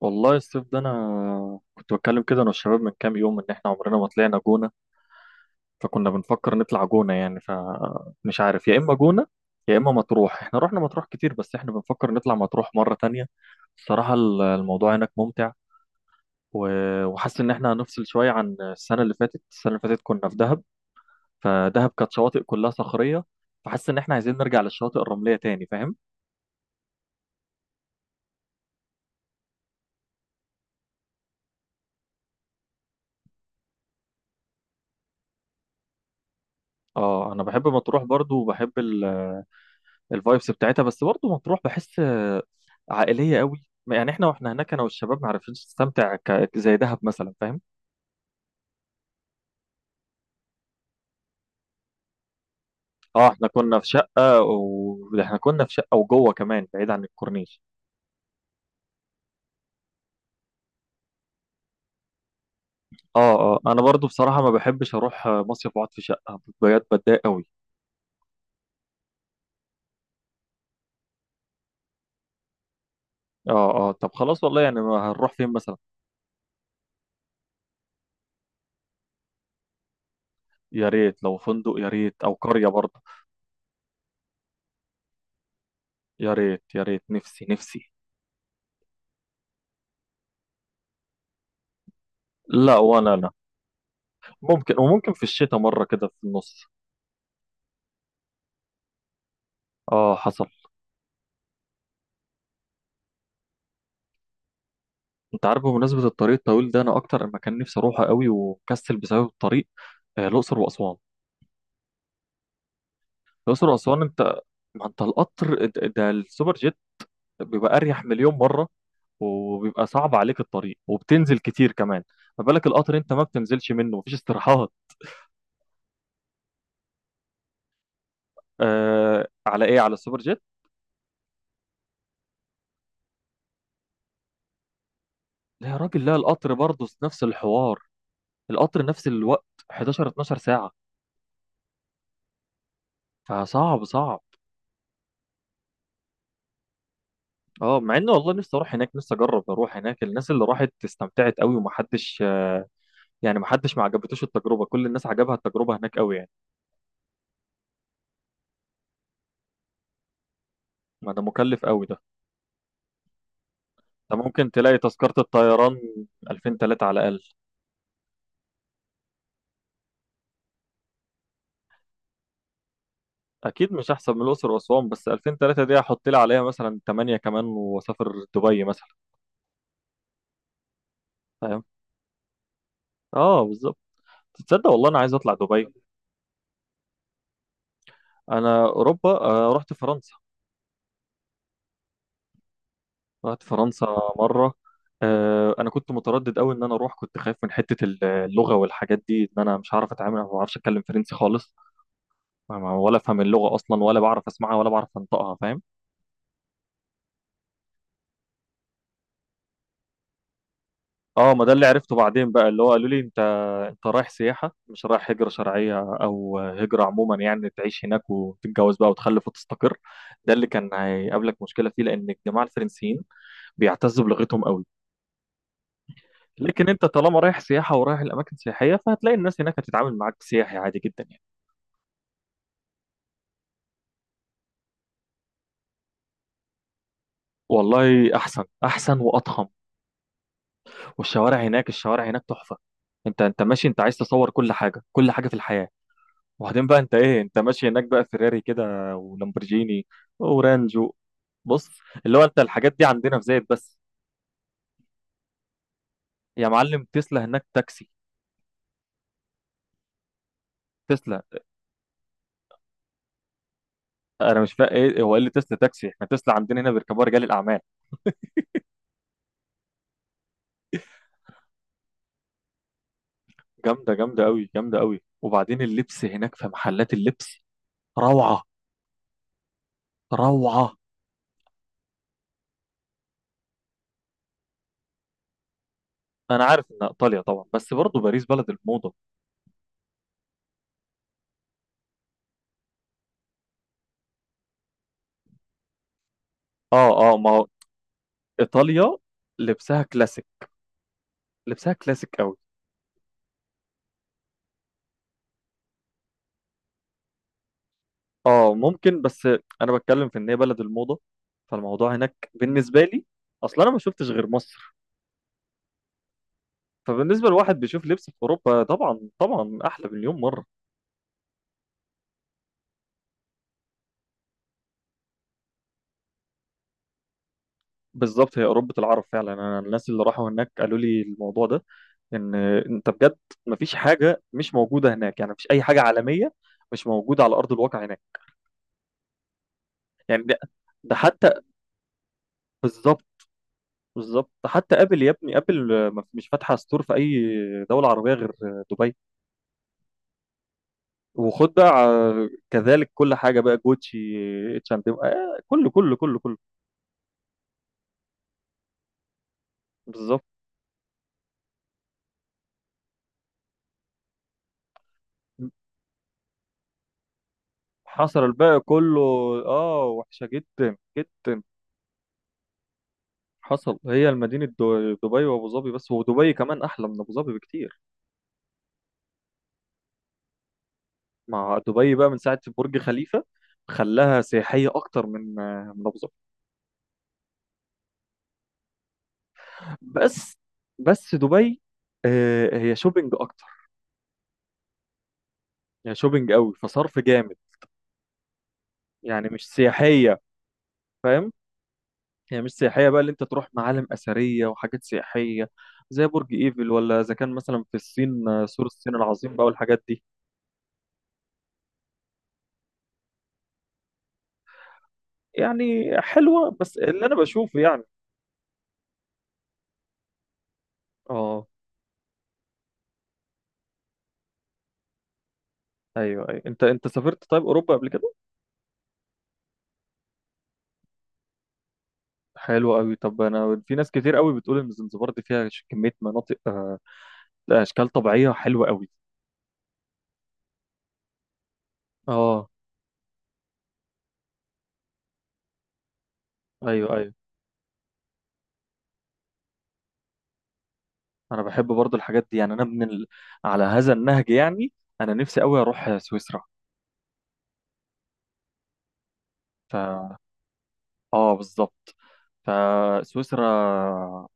والله الصيف ده انا كنت بتكلم كده، انا والشباب من كام يوم، ان احنا عمرنا ما طلعنا جونة. فكنا بنفكر نطلع جونة يعني. فمش عارف، يا اما جونة يا اما مطروح. احنا رحنا مطروح كتير، بس احنا بنفكر نطلع مطروح مرة تانية. الصراحة الموضوع هناك ممتع. وحاسس ان احنا هنفصل شوية عن السنة اللي فاتت. السنة اللي فاتت كنا في دهب. فدهب كانت شواطئ كلها صخرية، فحاسس ان احنا عايزين نرجع للشواطئ الرملية تاني. فاهم؟ اه، انا بحب مطروح برضو، وبحب الفايبس بتاعتها، بس برضه مطروح بحس عائليه قوي. يعني احنا واحنا هناك، انا والشباب ما عرفناش نستمتع زي دهب مثلا. فاهم؟ اه، احنا كنا في شقه وجوه كمان، بعيد عن الكورنيش. اه اه، انا برضو بصراحه ما بحبش اروح مصيف واقعد في شقه. بجد بتضايق قوي. اه اه، طب خلاص والله، يعني ما هنروح فين مثلا؟ يا ريت لو فندق، يا ريت او قريه برضه. يا ريت، يا ريت، نفسي نفسي. لا، وانا لا. ممكن، وممكن في الشتاء مره كده في النص. اه، حصل. انت عارف، بمناسبة الطريق الطويل ده، انا اكتر مكان نفسي اروحه قوي ومكسل بسبب الطريق الاقصر واسوان. الاقصر واسوان انت، ما انت القطر ده السوبر جيت، بيبقى اريح مليون مرة. وبيبقى صعب عليك الطريق، وبتنزل كتير كمان. ما بالك القطر، انت ما بتنزلش منه، مفيش استراحات. على ايه؟ على السوبر جيت. لا يا راجل، لا، القطر برضه نفس الحوار. القطر نفس الوقت، 11 12 ساعة. فصعب، صعب. اه، مع اني والله نفسي اروح هناك، نفسي اجرب اروح هناك. الناس اللي راحت استمتعت قوي، ومحدش يعني ما حدش ما عجبتوش التجربه، كل الناس عجبها التجربه هناك قوي يعني. ما ده مكلف قوي ده. انت ممكن تلاقي تذكره الطيران 2000 3 على الاقل. اكيد مش احسن من الاقصر واسوان، بس 2000 3 دي هحط لي عليها مثلا 8 كمان واسافر دبي مثلا. فاهم؟ اه، بالظبط. تصدق والله انا عايز اطلع دبي. انا اوروبا، رحت فرنسا. رحت فرنسا مره. انا كنت متردد قوي ان انا اروح، كنت خايف من حته اللغه والحاجات دي، ان انا مش هعرف اتعامل، ما بعرفش اتكلم فرنسي خالص. ولا افهم اللغه اصلا، ولا بعرف اسمعها، ولا بعرف انطقها. فاهم؟ اه، ما ده اللي عرفته بعدين بقى، اللي هو قالوا لي: انت رايح سياحه، مش رايح هجره شرعيه او هجره عموما، يعني تعيش هناك وتتجوز بقى وتخلف وتستقر. ده اللي كان هيقابلك مشكله فيه، لان الجماعه الفرنسيين بيعتزوا بلغتهم قوي. لكن انت طالما رايح سياحه ورايح الاماكن سياحيه، فهتلاقي الناس هناك هتتعامل معاك سياحي عادي جدا يعني. والله احسن، احسن واضخم. والشوارع هناك الشوارع هناك تحفه. انت ماشي، انت عايز تصور كل حاجه، كل حاجه في الحياه. وبعدين بقى انت ايه، انت ماشي هناك بقى فيراري كده، ولامبرجيني، ورانجو. بص، اللي هو انت الحاجات دي عندنا في زايد بس. يا معلم، تسلا هناك تاكسي. تسلا. انا مش فاهم ايه هو، ايه اللي تسلا تاكسي؟ احنا تسلا عندنا هنا بيركبوها رجال الاعمال. جامده، جامده قوي، جامده قوي. وبعدين اللبس هناك، في محلات اللبس، روعه، روعه. انا عارف ان ايطاليا طبعا، بس برضه باريس بلد الموضه. اه اه، ما هو ايطاليا لبسها كلاسيك، لبسها كلاسيك. اه، ممكن بس. انا بتكلم في ان هي بلد الموضه. فالموضوع هناك بالنسبه لي، اصلا انا ما شفتش غير مصر. فبالنسبه لواحد بيشوف لبس في اوروبا، طبعا طبعا احلى مليون مره. بالظبط، هي اوروبا العرب فعلا. انا الناس اللي راحوا هناك قالوا لي الموضوع ده، ان انت بجد ما فيش حاجه مش موجوده هناك. يعني ما فيش اي حاجه عالميه مش موجوده على ارض الواقع هناك. يعني ده, ده حتى، بالظبط. بالظبط، حتى ابل، يا ابني، ابل مش فاتحه ستور في اي دوله عربيه غير دبي. وخد بقى كذلك كل حاجه بقى، جوتشي، اتش اند ام، كله كله كله كله. بالظبط. حصل، الباقي كله اه، وحشه جدا جدا. حصل، هي المدينه دبي وابو ظبي بس، ودبي كمان احلى من ابو ظبي بكتير. مع دبي بقى من ساعه برج خليفه، خلاها سياحيه اكتر من ابو ظبي. بس بس دبي هي شوبينج اكتر. هي شوبينج قوي، فصرف جامد. يعني مش سياحيه. فاهم؟ هي مش سياحية بقى، اللي انت تروح معالم أثرية وحاجات سياحية زي برج ايفل، ولا إذا كان مثلا في الصين سور الصين العظيم بقى والحاجات دي. يعني حلوة بس اللي أنا بشوفه يعني. اه، ايوه ايوه، انت سافرت طيب اوروبا قبل كده؟ حلو قوي. طب انا، في ناس كتير قوي بتقول ان زنزبار دي فيها كميه مناطق، اشكال طبيعيه حلوه قوي. اه، ايوه ايوه. انا بحب برضو الحاجات دي يعني. انا من على هذا النهج يعني. انا نفسي قوي اروح سويسرا. اه، بالظبط. فسويسرا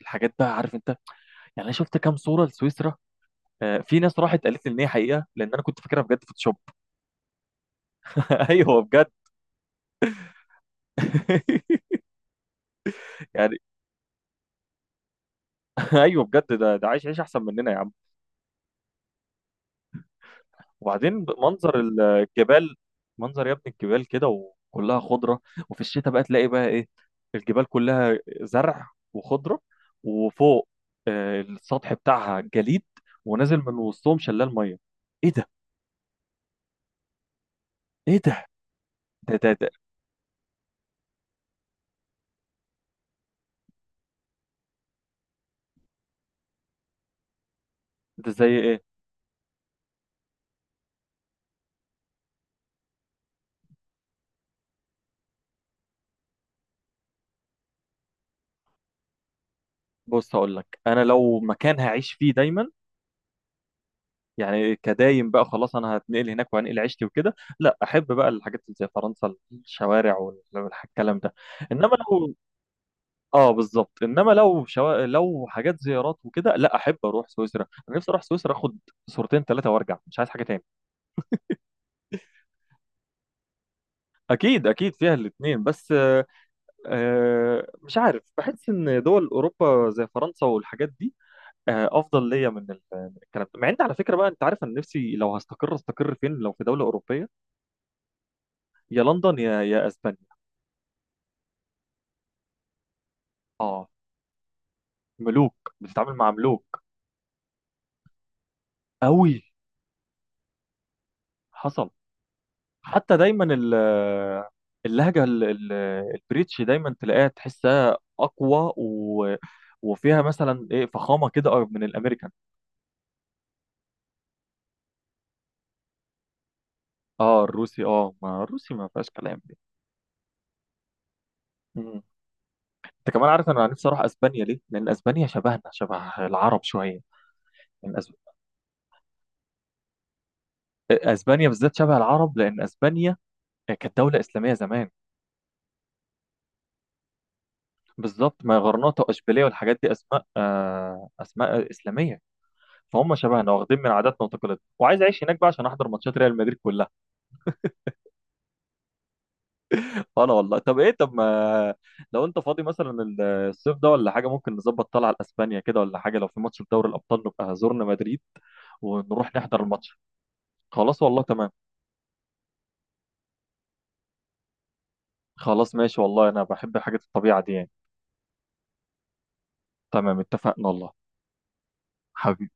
الحاجات بقى، عارف انت، يعني انا شفت كام صوره لسويسرا. في ناس راحت قالت لي ان هي حقيقه، لان انا كنت فاكرها بجد فوتوشوب. ايوه بجد. يعني. ايوه بجد، ده عايش عيش احسن مننا يا عم. وبعدين منظر الجبال. منظر يا ابني الجبال كده، وكلها خضره. وفي الشتاء بقى تلاقي بقى ايه؟ الجبال كلها زرع وخضره، وفوق السطح بتاعها جليد، ونازل من وسطهم شلال ميه. ايه ده! ايه ده! ده ده ده, ده زي ايه؟ بص، هقول لك: انا لو مكان هعيش فيه دايما، يعني كدايم بقى، خلاص انا هتنقل هناك وهنقل عيشتي وكده، لا احب بقى الحاجات اللي زي فرنسا، الشوارع والكلام ده. انما لو، اه بالظبط، لو حاجات زيارات وكده، لا احب اروح سويسرا. انا نفسي اروح سويسرا، اخد صورتين ثلاثه وارجع، مش عايز حاجه تاني. اكيد، اكيد فيها الاثنين، بس مش عارف، بحس ان دول اوروبا زي فرنسا والحاجات دي افضل ليا من الكلام ده. مع ان على فكره بقى، انت عارف انا نفسي لو هستقر، استقر فين؟ لو في دوله اوروبيه، يا لندن، يا اسبانيا. اه، ملوك بتتعامل مع ملوك. قوي. حصل. حتى دايما اللهجه البريتش دايما تلاقيها، تحسها اقوى، و وفيها مثلا ايه، فخامه كده، أكتر من الامريكان. اه، الروسي. اه، ما الروسي ما فيهاش كلام دي. مم. انت كمان، عارف انا نفسي اروح اسبانيا ليه؟ لان اسبانيا شبهنا، شبه العرب شويه. لان اسبانيا بالذات شبه العرب، لان اسبانيا كانت دوله اسلاميه زمان. بالظبط، ما غرناطه واشبيليه والحاجات دي اسماء، اسماء اسلاميه. فهم شبهنا، واخدين من عاداتنا وتقاليدنا، وعايز اعيش هناك بقى عشان احضر ماتشات ريال مدريد كلها. انا والله، طب ايه طب ما لو انت فاضي مثلا الصيف ده ولا حاجه، ممكن نظبط طلعه لاسبانيا كده ولا حاجه. لو في ماتش في دوري الابطال، نبقى زورنا مدريد ونروح نحضر الماتش. خلاص والله تمام. خلاص ماشي والله، انا بحب حاجه الطبيعه دي يعني. تمام، اتفقنا والله. حبيبي.